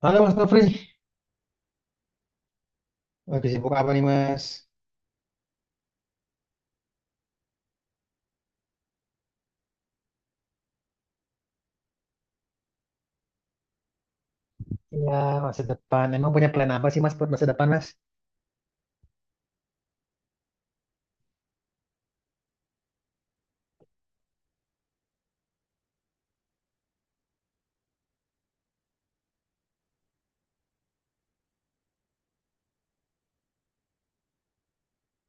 Halo Mas Nofri, lagi sibuk apa nih Mas? Ya, masa depan. Emang punya plan apa sih Mas buat masa depan Mas?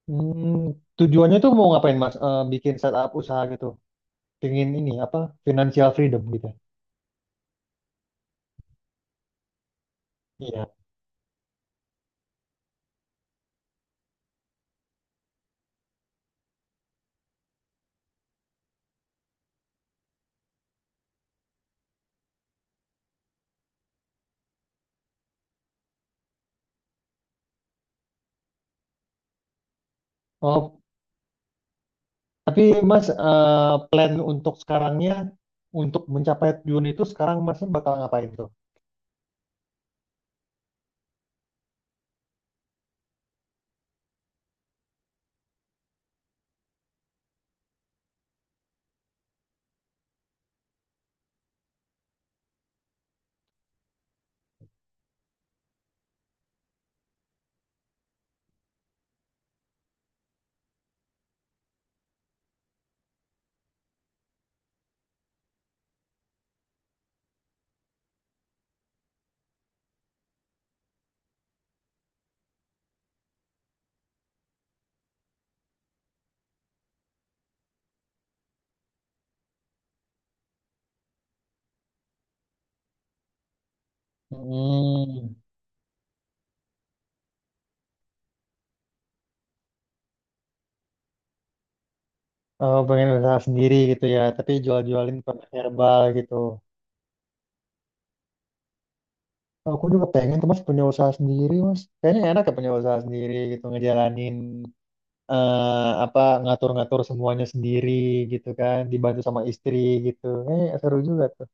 Hmm, tujuannya tuh mau ngapain Mas? Eh, bikin startup usaha gitu, pingin ini apa? Financial freedom gitu. Iya. Oh, tapi Mas plan untuk sekarangnya untuk mencapai tujuan itu sekarang Masnya bakal ngapain tuh? Hmm, oh, pengen usaha sendiri gitu ya, tapi jual-jualin produk herbal gitu. Aku juga pengen tuh mas punya usaha sendiri mas. Kayaknya enak ya punya usaha sendiri gitu ngejalanin apa ngatur-ngatur semuanya sendiri gitu kan dibantu sama istri gitu. Eh seru juga tuh.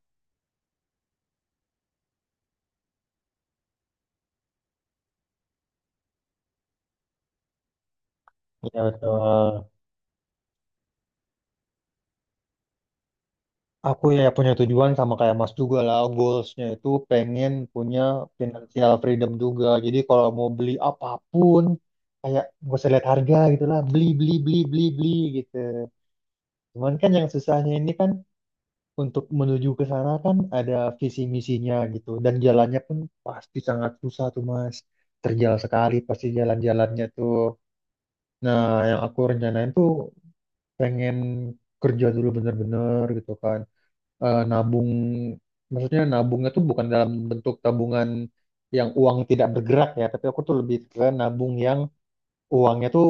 Iya betul. Aku ya punya tujuan sama kayak Mas juga lah goalsnya itu pengen punya financial freedom juga. Jadi kalau mau beli apapun kayak gak usah lihat harga gitu lah beli beli beli beli beli gitu. Cuman kan yang susahnya ini kan untuk menuju ke sana kan ada visi misinya gitu dan jalannya pun pasti sangat susah tuh Mas. Terjal sekali pasti jalan-jalannya tuh. Nah, yang aku rencanain tuh pengen kerja dulu bener-bener gitu kan. Nabung maksudnya nabungnya tuh bukan dalam bentuk tabungan yang uang tidak bergerak ya, tapi aku tuh lebih ke nabung yang uangnya tuh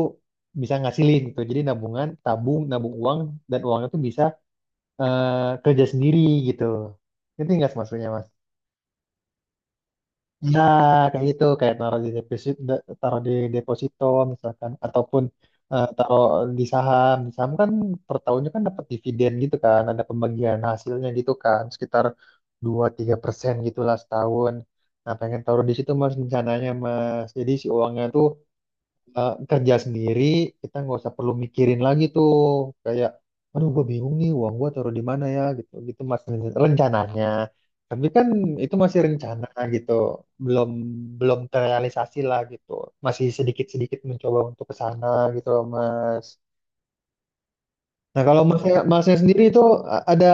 bisa ngasilin gitu. Jadi nabungan, tabung, nabung uang dan uangnya tuh bisa kerja sendiri gitu. Ngerti nggak sih maksudnya mas? Nah, kayak gitu kayak taruh di deposito misalkan ataupun taruh di saham. Di saham kan per tahunnya kan dapat dividen gitu kan, ada pembagian hasilnya gitu kan sekitar 2-3% gitulah setahun. Nah pengen taruh di situ mas rencananya mas. Jadi si uangnya tuh kerja sendiri kita nggak usah perlu mikirin lagi tuh kayak aduh gue bingung nih uang gue taruh di mana ya gitu gitu mas rencananya tapi kan itu masih rencana gitu belum belum terrealisasi lah gitu masih sedikit sedikit mencoba untuk ke sana gitu loh, mas. Nah kalau masnya masnya sendiri itu ada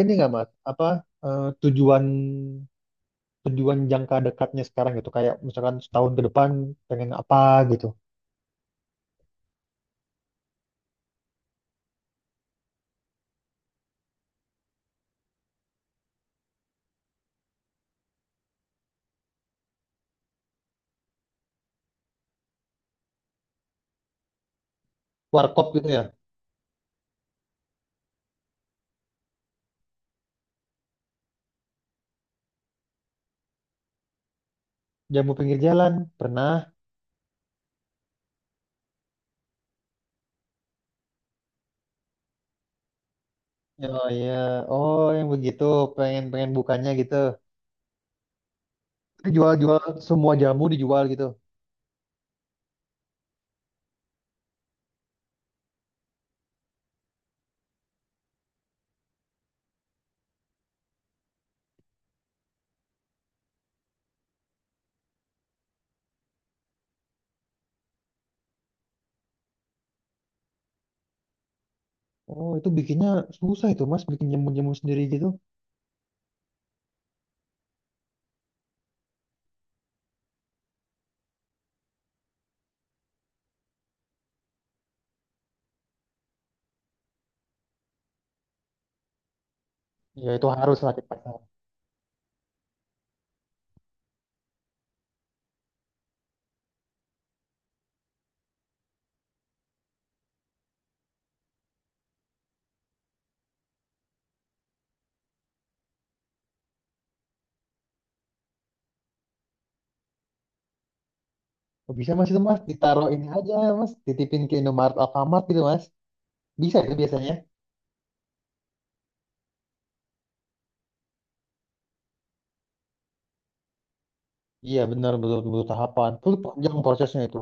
ini nggak mas apa tujuan tujuan jangka dekatnya sekarang gitu kayak misalkan setahun ke depan pengen apa gitu warkop gitu ya. Jamu pinggir jalan pernah. Oh iya, oh yang begitu pengen pengen bukannya gitu. Jual-jual semua jamu dijual gitu. Oh itu bikinnya susah itu mas, bikin jamu-jamu sendiri gitu. Ya itu harus lah di pasar. Oh, bisa mas itu mas, ditaruh ini aja mas, titipin ke Indomaret Alfamart gitu mas. Bisa itu biasanya. Iya benar betul betul tahapan. Itu panjang prosesnya itu.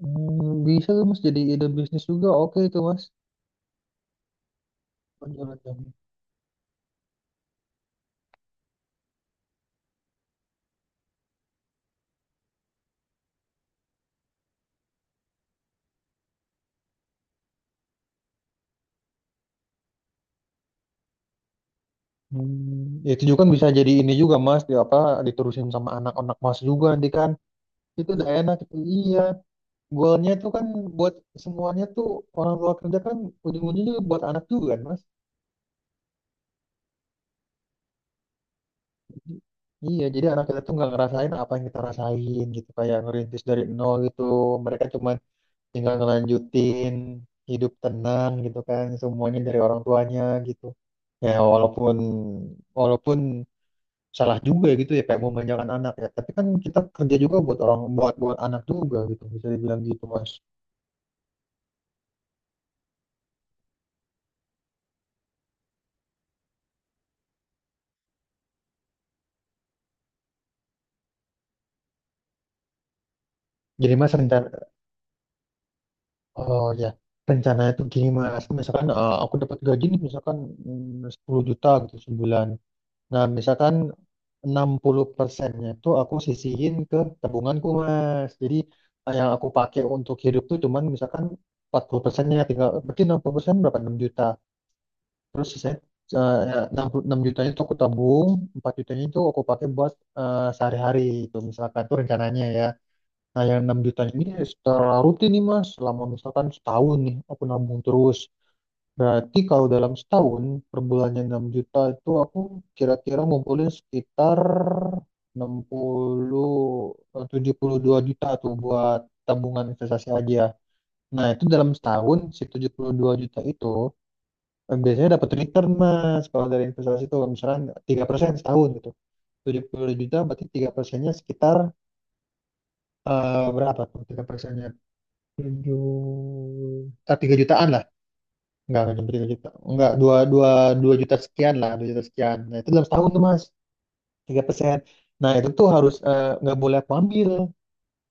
Hmm, bisa tuh mas jadi ide bisnis juga oke itu mas. Penjualan jamu. Hmm, itu juga kan bisa jadi ini juga mas, di apa diterusin sama anak-anak mas juga nanti kan itu udah enak itu iya. Goalnya tuh kan buat semuanya tuh orang tua kerja kan ujung-ujungnya juga buat anak juga kan mas. Jadi- Iya, jadi anak kita tuh nggak ngerasain apa yang kita rasain gitu kayak ngerintis dari nol gitu. Mereka cuma tinggal ngelanjutin hidup tenang gitu kan semuanya dari orang tuanya gitu. Ya walaupun walaupun salah juga ya gitu ya kayak memanjakan anak ya tapi kan kita kerja juga buat orang buat buat anak juga gitu bisa dibilang gitu mas jadi mas rencana oh ya rencana itu gini mas misalkan aku dapat gaji nih misalkan 10 juta gitu sebulan nah misalkan 60%-nya itu aku sisihin ke tabunganku mas jadi yang aku pakai untuk hidup tuh cuman misalkan 40%-nya tinggal berarti 60% berapa 6 juta. Terus sisanya 6 jutanya itu aku tabung, 4 jutanya itu aku pakai buat sehari-hari itu misalkan tuh rencananya ya. Nah, yang 6 jutanya ini secara rutin nih Mas, selama misalkan setahun nih aku nabung terus. Berarti kalau dalam setahun per bulannya 6 juta itu aku kira-kira ngumpulin sekitar 60 72 juta tuh buat tabungan investasi aja. Nah, itu dalam setahun si 72 juta itu. Biasanya dapat return mas kalau dari investasi itu misalkan 3% setahun gitu. 70 juta berarti 3%-nya sekitar berapa tuh 3%-nya? 7 ah, 3 jutaan lah. Enggak nyampe 3 juta. Enggak, 2 2 2 juta sekian lah, 2 juta sekian. Nah, itu dalam setahun tuh Mas, 3%. Nah, itu tuh harus nggak boleh aku ambil.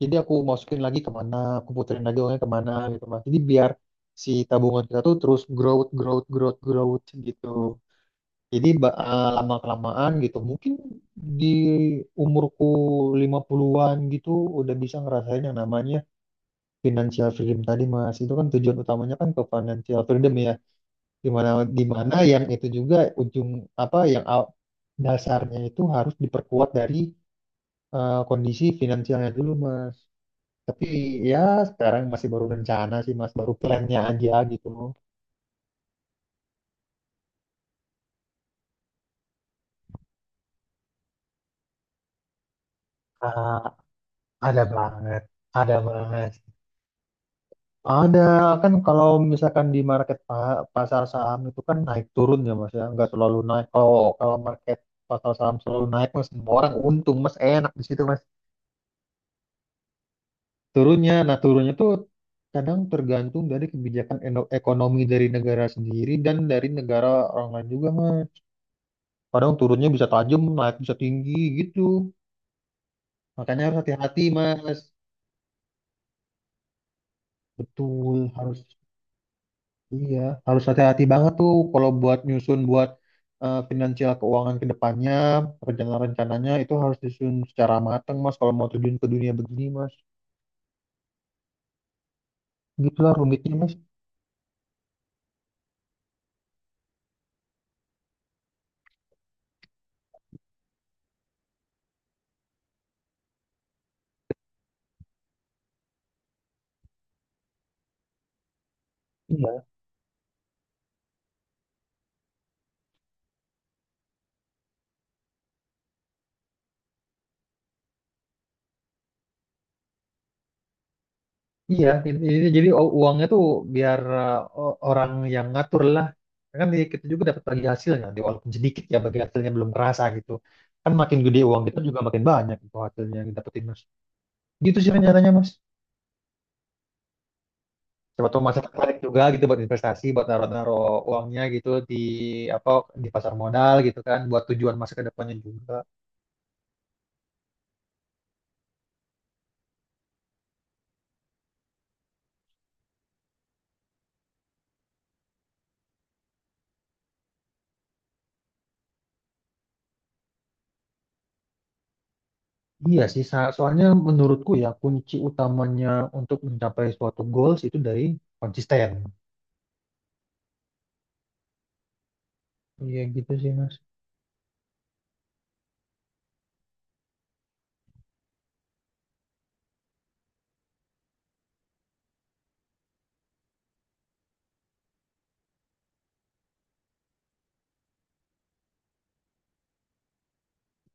Jadi aku masukin lagi kemana, aku puterin lagi uangnya kemana gitu Mas. Jadi biar si tabungan kita tuh terus growth, growth, growth, growth gitu. Jadi lama-kelamaan gitu, mungkin di umurku 50-an gitu udah bisa ngerasain yang namanya financial freedom tadi Mas. Itu kan tujuan utamanya kan ke financial freedom ya. Dimana dimana yang itu juga ujung apa yang dasarnya itu harus diperkuat dari kondisi finansialnya dulu Mas. Tapi ya sekarang masih baru rencana sih Mas, baru plannya aja gitu. Ah, ada banget, ada banget. Ada kan kalau misalkan di market pasar saham itu kan naik turun ya mas ya nggak selalu naik kalau kalau market pasar saham selalu naik mas semua orang untung mas enak di situ mas. Turunnya nah turunnya tuh kadang tergantung dari kebijakan ekonomi dari negara sendiri dan dari negara orang lain juga mas kadang turunnya bisa tajam naik bisa tinggi gitu makanya harus hati-hati mas. Betul harus. Iya, harus hati-hati banget tuh kalau buat nyusun buat finansial keuangan ke depannya, rencana-rencananya itu harus disusun secara matang, Mas, kalau mau terjun ke dunia begini, Mas. Gitulah rumitnya, Mas. Iya. Iya, ini jadi uangnya tuh biar orang yang ngatur lah. Kan kita juga dapat bagi hasilnya, walaupun sedikit ya bagi hasilnya belum kerasa gitu. Kan makin gede uang kita juga makin banyak itu hasilnya yang didapetin, Mas. Gitu sih rencananya, Mas. Siapa tahu masih tertarik juga gitu buat investasi, buat naro-naro uangnya gitu di apa di pasar modal gitu kan, buat tujuan masa ke depannya juga. Iya sih, soalnya menurutku ya kunci utamanya untuk mencapai suatu goals itu dari konsisten. Iya gitu sih mas.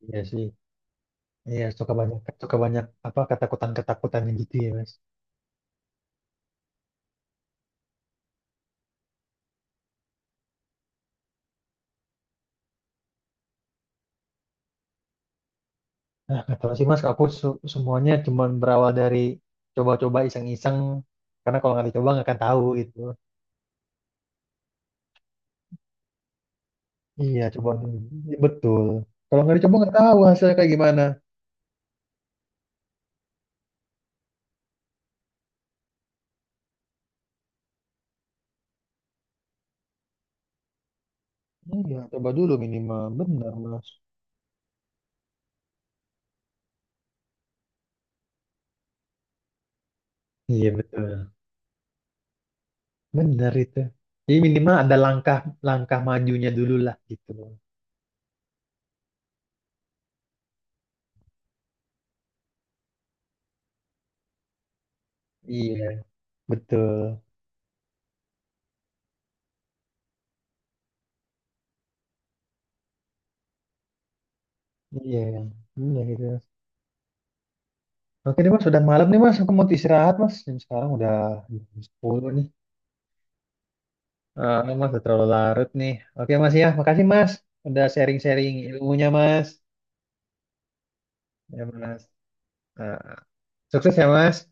Iya sih. Iya suka banyak apa ketakutan-ketakutannya gitu ya mas. Nah nggak tahu sih mas, aku semuanya cuman berawal dari coba-coba iseng-iseng karena kalau nggak dicoba nggak akan tahu gitu. Iya, coba. Iya, betul. Kalau nggak dicoba nggak tahu hasilnya kayak gimana. Iya, coba dulu minimal. Benar, Mas. Iya betul. Benar itu. Jadi minimal ada langkah langkah majunya dulu lah gitu. Iya. Betul. Iya, iya gitu. Oke deh Mas, udah malam nih Mas. Aku mau istirahat Mas. Jam sekarang udah jam 10 nih. Ah, mas, udah terlalu larut nih. Oke Mas ya, makasih Mas. Udah sharing-sharing ilmunya Mas. Ya Mas. Ah, sukses ya Mas.